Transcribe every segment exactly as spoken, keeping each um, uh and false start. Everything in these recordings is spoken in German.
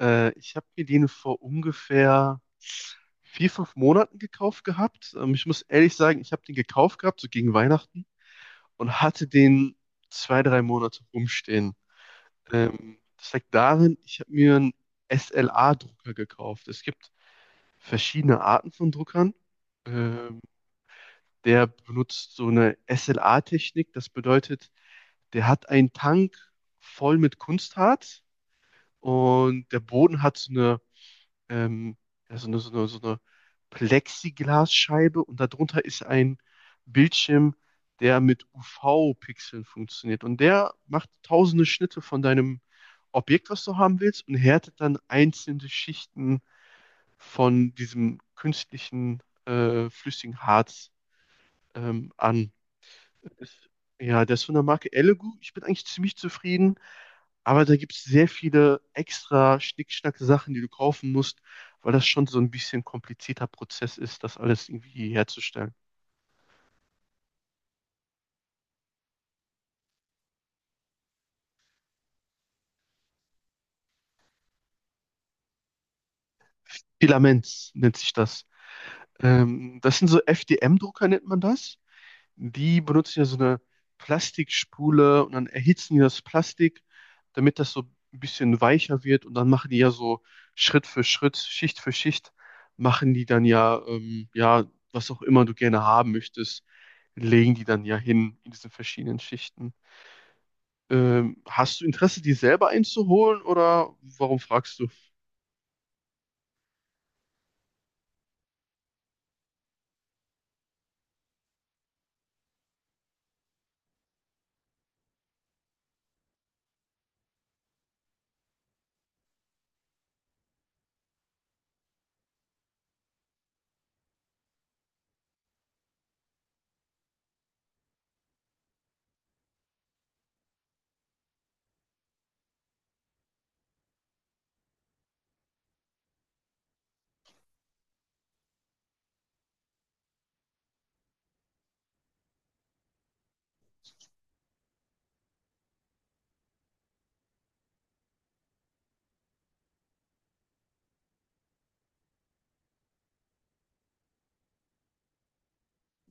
Äh, ich habe mir den vor ungefähr vier, fünf Monaten gekauft gehabt. Ähm, ich muss ehrlich sagen, ich habe den gekauft gehabt, so gegen Weihnachten, und hatte den zwei, drei Monate rumstehen. Ähm, das liegt darin, ich habe mir einen S L A-Drucker gekauft. Es gibt verschiedene Arten von Druckern. Ähm, der benutzt so eine S L A-Technik. Das bedeutet, der hat einen Tank voll mit Kunstharz und der Boden hat so eine ähm, ja, so eine, so eine, so eine Plexiglasscheibe und darunter ist ein Bildschirm, der mit U V-Pixeln funktioniert. Und der macht tausende Schnitte von deinem Objekt, was du haben willst, und härtet dann einzelne Schichten von diesem künstlichen, äh, flüssigen Harz, ähm, an. Ist, ja, der ist von der Marke Elegoo. Ich bin eigentlich ziemlich zufrieden, aber da gibt es sehr viele extra Schnickschnack-Sachen, die du kaufen musst, weil das schon so ein bisschen komplizierter Prozess ist, das alles irgendwie herzustellen. Filaments nennt sich das. Ähm, das sind so F D M-Drucker, nennt man das. Die benutzen ja so eine Plastikspule und dann erhitzen die das Plastik, damit das so ein bisschen weicher wird und dann machen die ja so Schritt für Schritt, Schicht für Schicht, machen die dann ja, ähm, ja, was auch immer du gerne haben möchtest, legen die dann ja hin in diesen verschiedenen Schichten. Ähm, hast du Interesse, die selber einzuholen oder warum fragst du?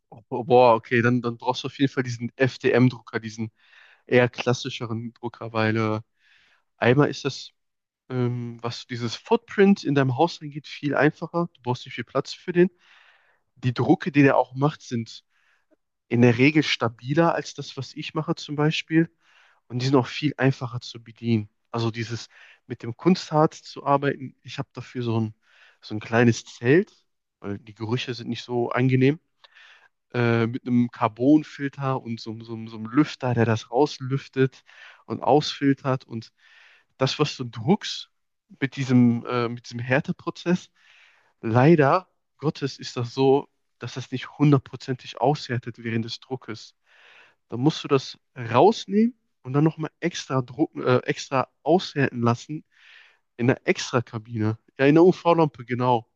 Oh, boah, okay, dann, dann brauchst du auf jeden Fall diesen F D M-Drucker, diesen eher klassischeren Drucker, weil äh, einmal ist das ähm, was dieses Footprint in deinem Haus angeht, viel einfacher. Du brauchst nicht viel Platz für den. Die Drucke, die der auch macht, sind in der Regel stabiler als das, was ich mache zum Beispiel. Und die sind auch viel einfacher zu bedienen. Also dieses mit dem Kunstharz zu arbeiten. Ich habe dafür so ein, so ein kleines Zelt, weil die Gerüche sind nicht so angenehm äh, mit einem Carbonfilter und so, so, so einem Lüfter, der das rauslüftet und ausfiltert. Und das, was du druckst mit diesem, äh, mit diesem Härteprozess, leider Gottes ist das so, dass das nicht hundertprozentig aushärtet während des Druckes. Dann musst du das rausnehmen und dann nochmal extra drucken, äh, extra aushärten lassen in der Extrakabine. Ja, in der U V-Lampe, genau.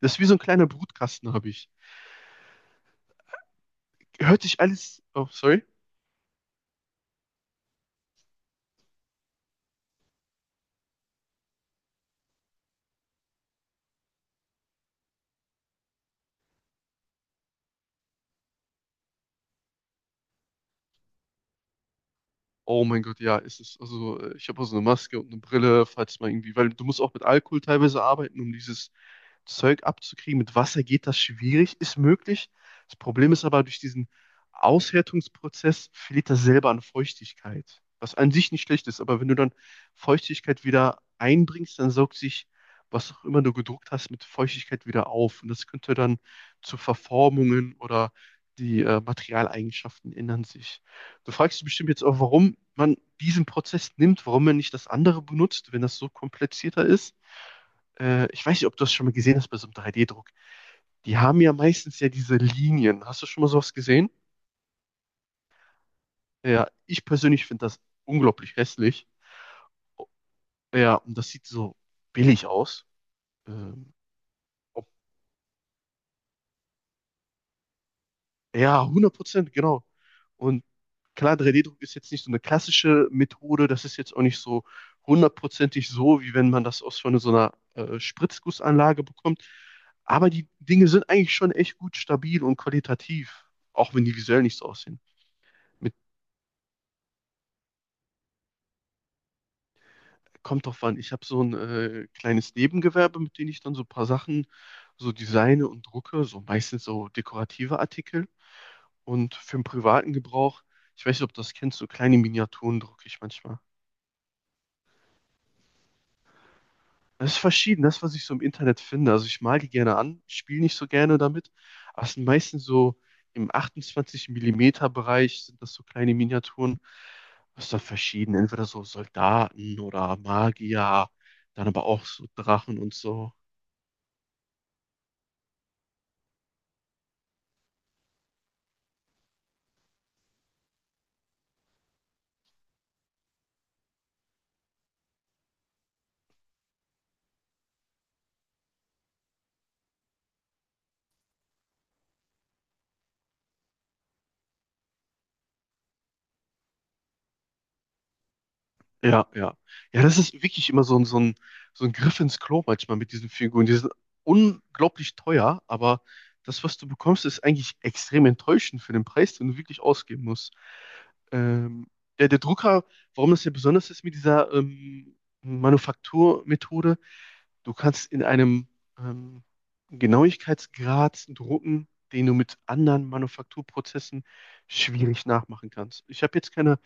Das ist wie so ein kleiner Brutkasten, habe ich. Hört sich alles, oh, sorry. Oh mein Gott, ja, ist es. Also, äh, ich habe auch so eine Maske und eine Brille, falls mal irgendwie, weil du musst auch mit Alkohol teilweise arbeiten, um dieses Zeug abzukriegen. Mit Wasser geht das schwierig, ist möglich. Das Problem ist aber, durch diesen Aushärtungsprozess verliert das selber an Feuchtigkeit, was an sich nicht schlecht ist. Aber wenn du dann Feuchtigkeit wieder einbringst, dann saugt sich, was auch immer du gedruckt hast, mit Feuchtigkeit wieder auf. Und das könnte dann zu Verformungen oder die äh, Materialeigenschaften ändern sich. Du fragst dich bestimmt jetzt auch, warum man diesen Prozess nimmt, warum man nicht das andere benutzt, wenn das so komplizierter ist, äh, ich weiß nicht, ob du das schon mal gesehen hast bei so einem drei D-Druck. Die haben ja meistens ja diese Linien. Hast du schon mal sowas gesehen? Ja, ich persönlich finde das unglaublich hässlich. Ja, und das sieht so billig aus. Ähm, ob, ja, hundert Prozent, genau. Und klar, drei D-Druck ist jetzt nicht so eine klassische Methode. Das ist jetzt auch nicht so hundertprozentig so, wie wenn man das aus von so einer äh, Spritzgussanlage bekommt. Aber die Dinge sind eigentlich schon echt gut stabil und qualitativ, auch wenn die visuell nicht so aussehen. Mit Kommt drauf an. Ich habe so ein äh, kleines Nebengewerbe, mit dem ich dann so ein paar Sachen so designe und drucke, so meistens so dekorative Artikel. Und für den privaten Gebrauch, ich weiß nicht, ob du das kennst, so kleine Miniaturen drucke ich manchmal. Das ist verschieden, das, was ich so im Internet finde. Also ich mal die gerne an, spiele nicht so gerne damit, aber es sind meistens so im achtundzwanzig Millimeter Bereich sind das so kleine Miniaturen. Das ist dann verschieden, entweder so Soldaten oder Magier, dann aber auch so Drachen und so. Ja, ja. Ja, das ist wirklich immer so ein, so ein, so ein Griff ins Klo manchmal mit diesen Figuren. Die sind unglaublich teuer, aber das, was du bekommst, ist eigentlich extrem enttäuschend für den Preis, den du wirklich ausgeben musst. Ähm, der, der Drucker, warum das ja besonders ist mit dieser ähm, Manufakturmethode, du kannst in einem ähm, Genauigkeitsgrad drucken, den du mit anderen Manufakturprozessen schwierig nachmachen kannst. Ich habe jetzt keine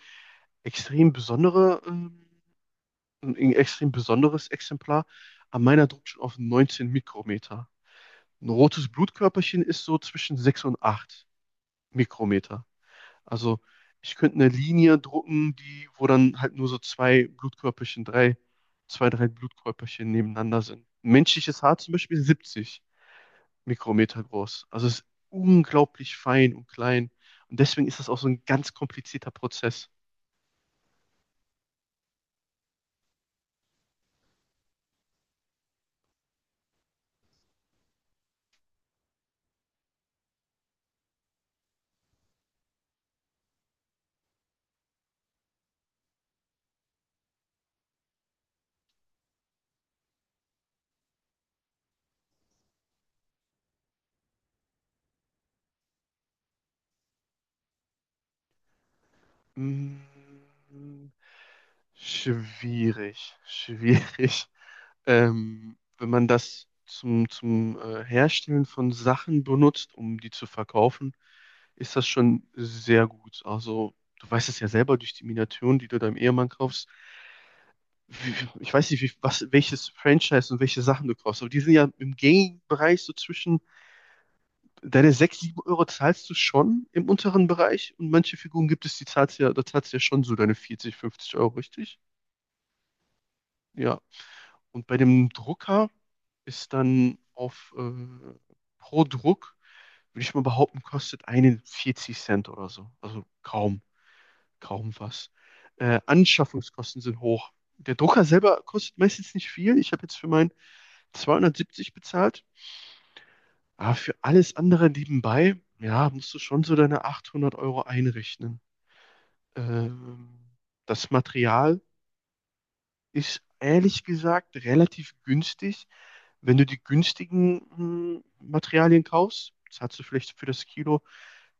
extrem besondere ähm, ein extrem besonderes Exemplar. An meiner druckt schon auf neunzehn Mikrometer. Ein rotes Blutkörperchen ist so zwischen sechs und acht Mikrometer. Also ich könnte eine Linie drucken, die, wo dann halt nur so zwei Blutkörperchen, drei, zwei, drei Blutkörperchen nebeneinander sind. Ein menschliches Haar zum Beispiel ist siebzig Mikrometer groß. Also es ist unglaublich fein und klein. Und deswegen ist das auch so ein ganz komplizierter Prozess. Mm, schwierig, schwierig. Ähm, wenn man das zum, zum äh, Herstellen von Sachen benutzt, um die zu verkaufen, ist das schon sehr gut. Also, du weißt es ja selber durch die Miniaturen, die du deinem Ehemann kaufst. Wie, ich weiß nicht, wie, was, welches Franchise und welche Sachen du kaufst, aber die sind ja im Gaming-Bereich so zwischen, deine sechs, sieben Euro zahlst du schon im unteren Bereich und manche Figuren gibt es, die zahlst ja, da zahlst du ja schon so deine vierzig, fünfzig Euro, richtig? Ja. Und bei dem Drucker ist dann auf äh, pro Druck, würde ich mal behaupten, kostet einen vierzig Cent oder so. Also kaum, kaum was. Äh, Anschaffungskosten sind hoch. Der Drucker selber kostet meistens nicht viel. Ich habe jetzt für meinen zweihundertsiebzig bezahlt. Aber für alles andere nebenbei, ja, musst du schon so deine achthundert Euro einrechnen. Ähm, das Material ist ehrlich gesagt relativ günstig. Wenn du die günstigen mm, Materialien kaufst, zahlst du vielleicht für das Kilo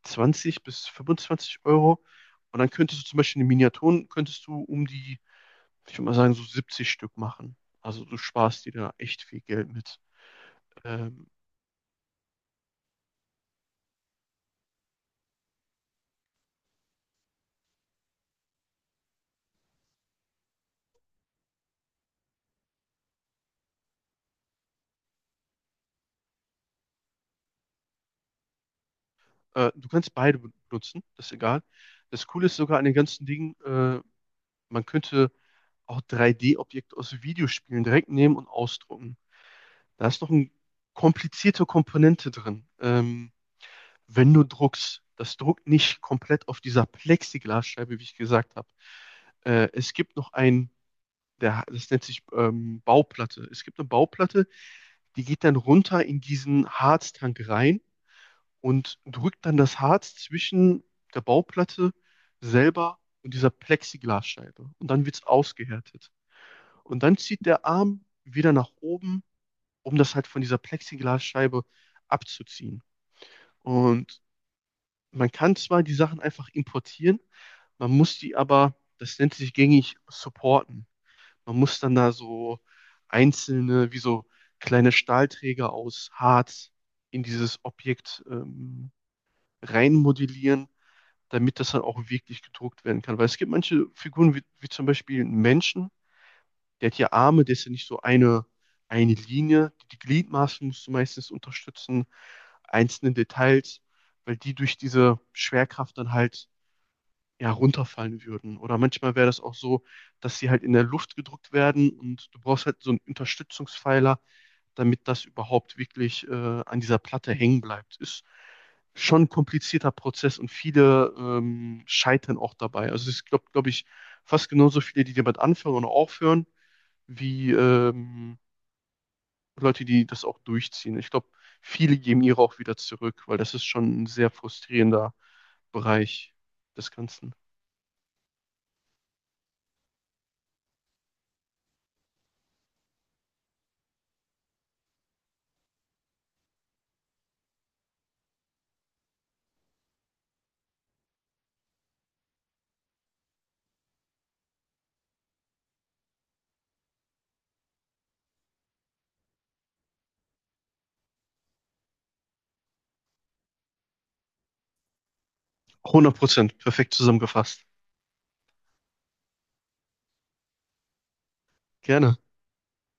zwanzig bis fünfundzwanzig Euro. Und dann könntest du zum Beispiel in den Miniaturen, könntest du um die, ich würde mal sagen, so siebzig Stück machen. Also du sparst dir da echt viel Geld mit. Ähm, äh, du kannst beide benutzen, das ist egal. Das Coole ist sogar an den ganzen Dingen, äh, man könnte auch drei D-Objekte aus Videospielen direkt nehmen und ausdrucken. Da ist noch eine komplizierte Komponente drin. Ähm, wenn du druckst, das druckt nicht komplett auf dieser Plexiglasscheibe, wie ich gesagt habe. Äh, es gibt noch ein, der, das nennt sich ähm, Bauplatte. Es gibt eine Bauplatte, die geht dann runter in diesen Harztank rein und drückt dann das Harz zwischen der Bauplatte selber und dieser Plexiglasscheibe. Und dann wird es ausgehärtet. Und dann zieht der Arm wieder nach oben, um das halt von dieser Plexiglasscheibe abzuziehen. Und man kann zwar die Sachen einfach importieren, man muss die aber, das nennt sich gängig, supporten. Man muss dann da so einzelne, wie so kleine Stahlträger aus Harz in dieses Objekt ähm, reinmodellieren, damit das dann auch wirklich gedruckt werden kann. Weil es gibt manche Figuren, wie, wie zum Beispiel einen Menschen, der hat ja Arme, der ist ja nicht so eine, eine Linie. Die Gliedmaßen musst du meistens unterstützen, einzelne Details, weil die durch diese Schwerkraft dann halt ja, runterfallen würden. Oder manchmal wäre das auch so, dass sie halt in der Luft gedrückt werden und du brauchst halt so einen Unterstützungspfeiler, damit das überhaupt wirklich äh, an dieser Platte hängen bleibt. Ist schon ein komplizierter Prozess und viele ähm, scheitern auch dabei. Also es gibt, glaube ich, fast genauso viele, die damit anfangen und aufhören, wie ähm, Leute, die das auch durchziehen. Ich glaube, viele geben ihre auch wieder zurück, weil das ist schon ein sehr frustrierender Bereich des Ganzen. hundert Prozent, perfekt zusammengefasst. Gerne.